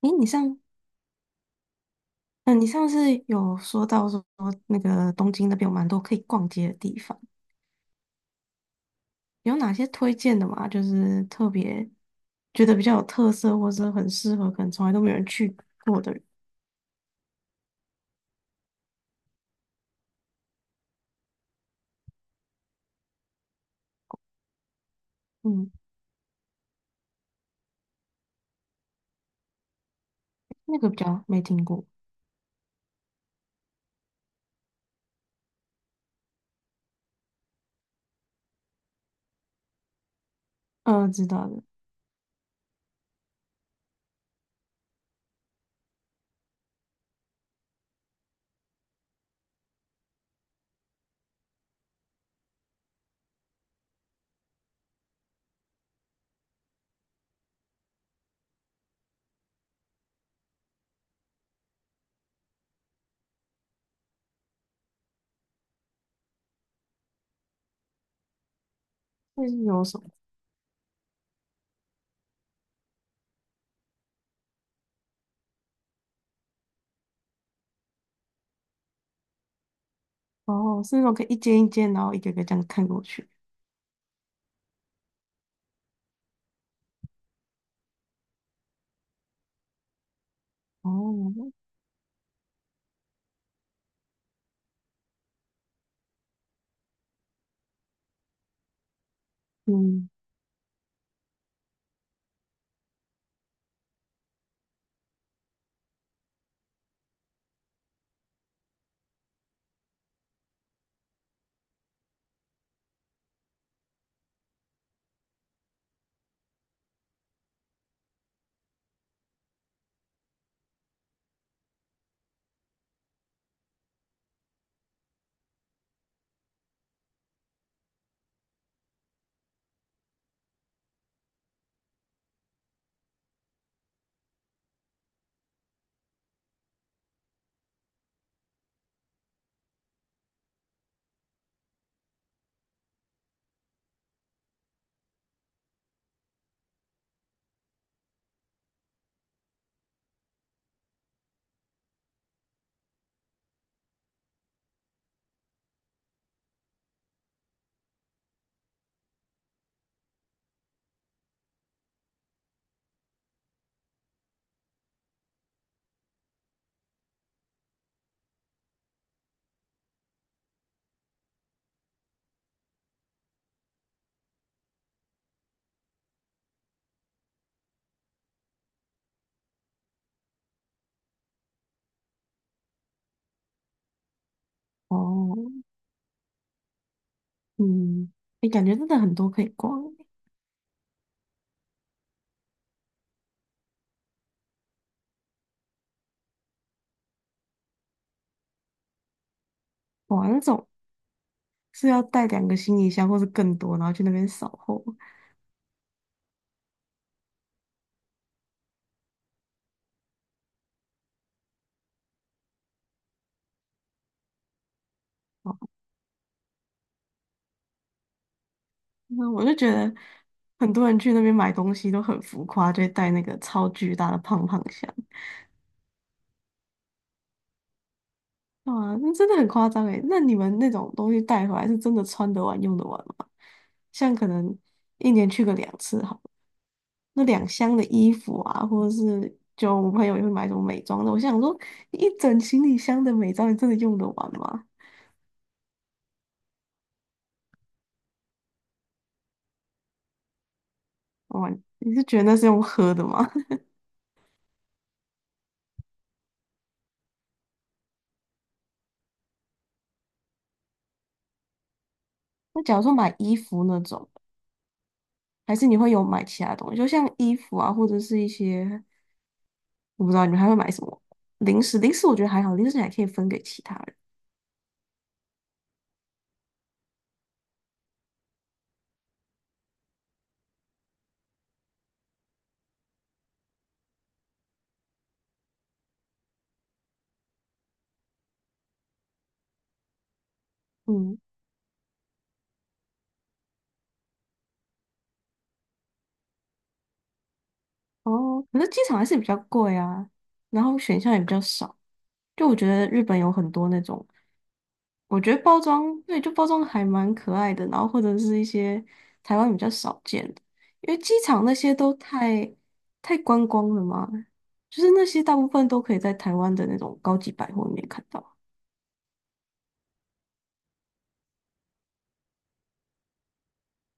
诶，你上次有说到说那个东京那边有蛮多可以逛街的地方，有哪些推荐的嘛？就是特别觉得比较有特色，或者很适合，可能从来都没有人去过的。嗯。那个比较没听过。嗯、知道的。那是有什么？哦，是那种可以一间一间，然后一个个这样看过去。哦。嗯。哦。嗯，你感觉真的很多可以逛。哇，那种是要带两个行李箱或是更多，然后去那边扫货。哦。那我就觉得很多人去那边买东西都很浮夸，就会带那个超巨大的胖胖箱。啊，那真的很夸张诶。那你们那种东西带回来是真的穿得完、用得完吗？像可能一年去个两次好了，那两箱的衣服啊，或者是就我朋友也会买什么美妆的，我想说一整行李箱的美妆，你真的用得完吗？哇，你是觉得那是用喝的吗？那假如说买衣服那种，还是你会有买其他东西，就像衣服啊，或者是一些。我不知道你们还会买什么，零食？零食我觉得还好，零食你还可以分给其他人。嗯。哦，可是机场还是比较贵啊，然后选项也比较少。就我觉得日本有很多那种，我觉得包装，对，就包装还蛮可爱的，然后或者是一些台湾比较少见的，因为机场那些都太观光了嘛，就是那些大部分都可以在台湾的那种高级百货里面看到。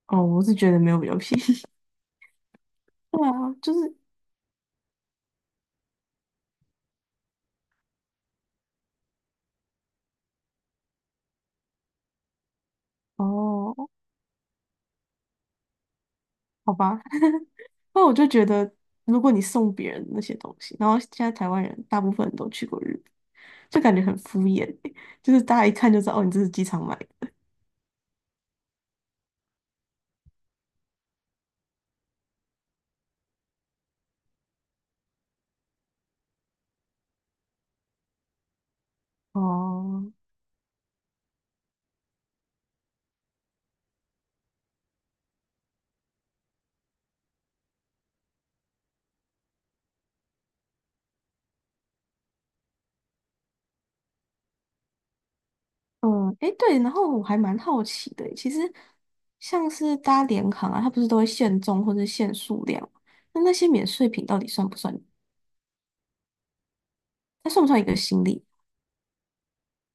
哦，我是觉得没有比较便宜。对啊，就是哦，好吧。那我就觉得，如果你送别人那些东西，然后现在台湾人大部分人都去过日本，就感觉很敷衍欸，就是大家一看就知道，哦，你这是机场买的。哦。嗯。诶，对，然后我还蛮好奇的欸，其实像是搭联航啊，它不是都会限重或者限数量吗？那那些免税品到底算不算？它算不算一个行李？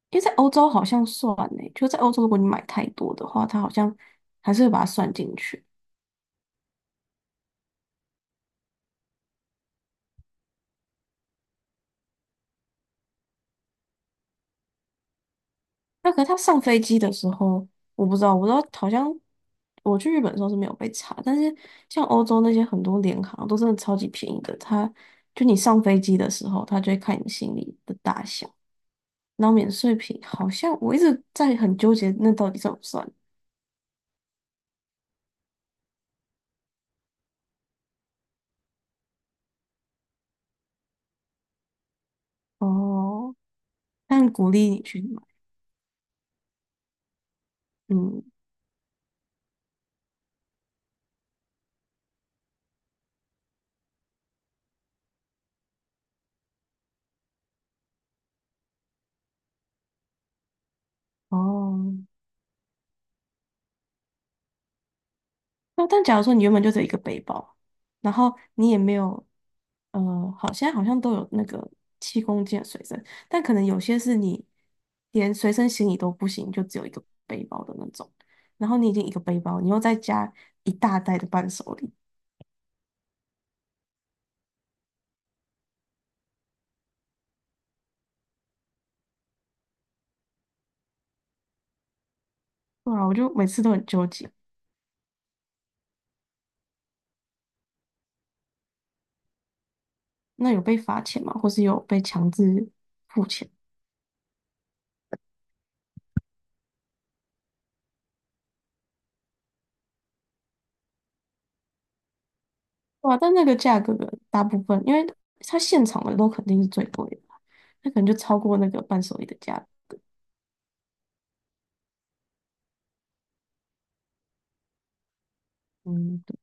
因为在欧洲好像算呢，就在欧洲，如果你买太多的话，它好像还是会把它算进去。那可是他上飞机的时候，我不知道好像，我去日本的时候是没有被查，但是像欧洲那些很多联航都真的超级便宜的，他就你上飞机的时候，他就会看你行李的大小，然后免税品好像我一直在很纠结，那到底算不算？哦，但鼓励你去买。嗯。哦。那但假如说你原本就只有一个背包，然后你也没有，好，现在好像都有那个7公斤的随身，但可能有些是你连随身行李都不行，就只有一个背包的那种。然后你已经一个背包，你又再加一大袋的伴手礼。对啊，我就每次都很纠结。那有被罚钱吗？或是有被强制付钱？对啊，但那个价格的大部分，因为它现场的都肯定是最贵的，那可能就超过那个伴手礼的价格。嗯。对，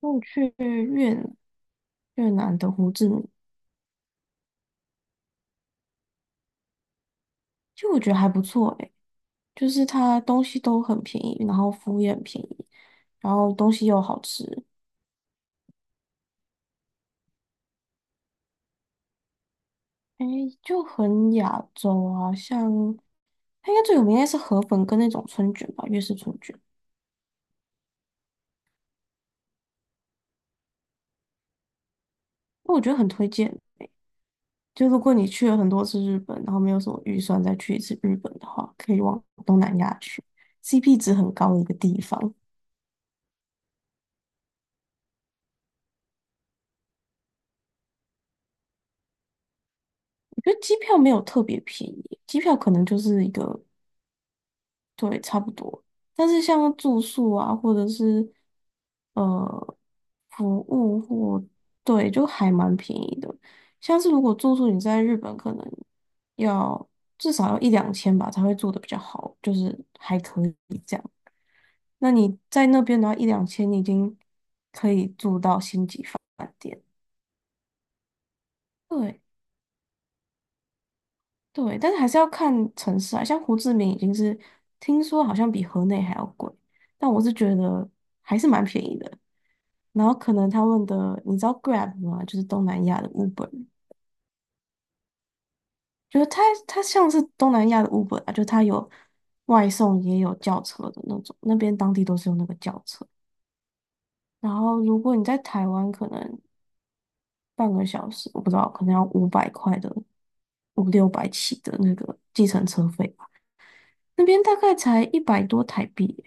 我去越南，越南的胡志明。就我觉得还不错诶，就是它东西都很便宜，然后服务也很便宜，然后东西又好吃。诶，就很亚洲啊，像它应该最有名应该是河粉跟那种春卷吧，粤式春卷。我觉得很推荐。就如果你去了很多次日本，然后没有什么预算再去一次日本的话，可以往东南亚去，CP 值很高的一个地方。我觉得机票没有特别便宜，机票可能就是一个，对，差不多。但是像住宿啊，或者是呃服务或，对，就还蛮便宜的。像是如果住宿你在日本，可能要至少要一两千吧，才会住的比较好，就是还可以这样。那你在那边的话，一两千你已经可以住到星级房。对。对，但是还是要看城市啊，像胡志明已经是听说好像比河内还要贵，但我是觉得还是蛮便宜的。然后可能他们的，你知道 Grab 吗？就是东南亚的 Uber，就是它像是东南亚的 Uber 啊，就它有外送也有轿车的那种，那边当地都是用那个轿车。然后如果你在台湾，可能半个小时，我不知道，可能要500块的，五六百起的那个计程车费吧，那边大概才100多台币。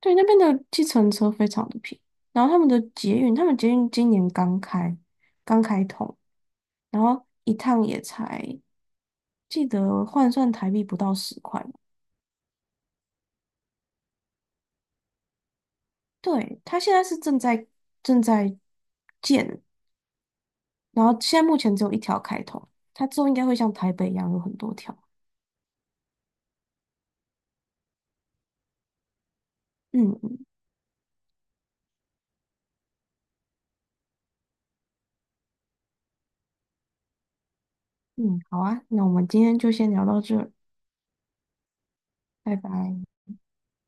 对，那边的计程车非常的便宜，然后他们的捷运，他们捷运今年刚开，刚开通，然后一趟也才记得换算台币不到10块吧。对，它现在是正在建，然后现在目前只有一条开通，它之后应该会像台北一样有很多条。嗯嗯嗯，好啊，那我们今天就先聊到这儿。拜拜。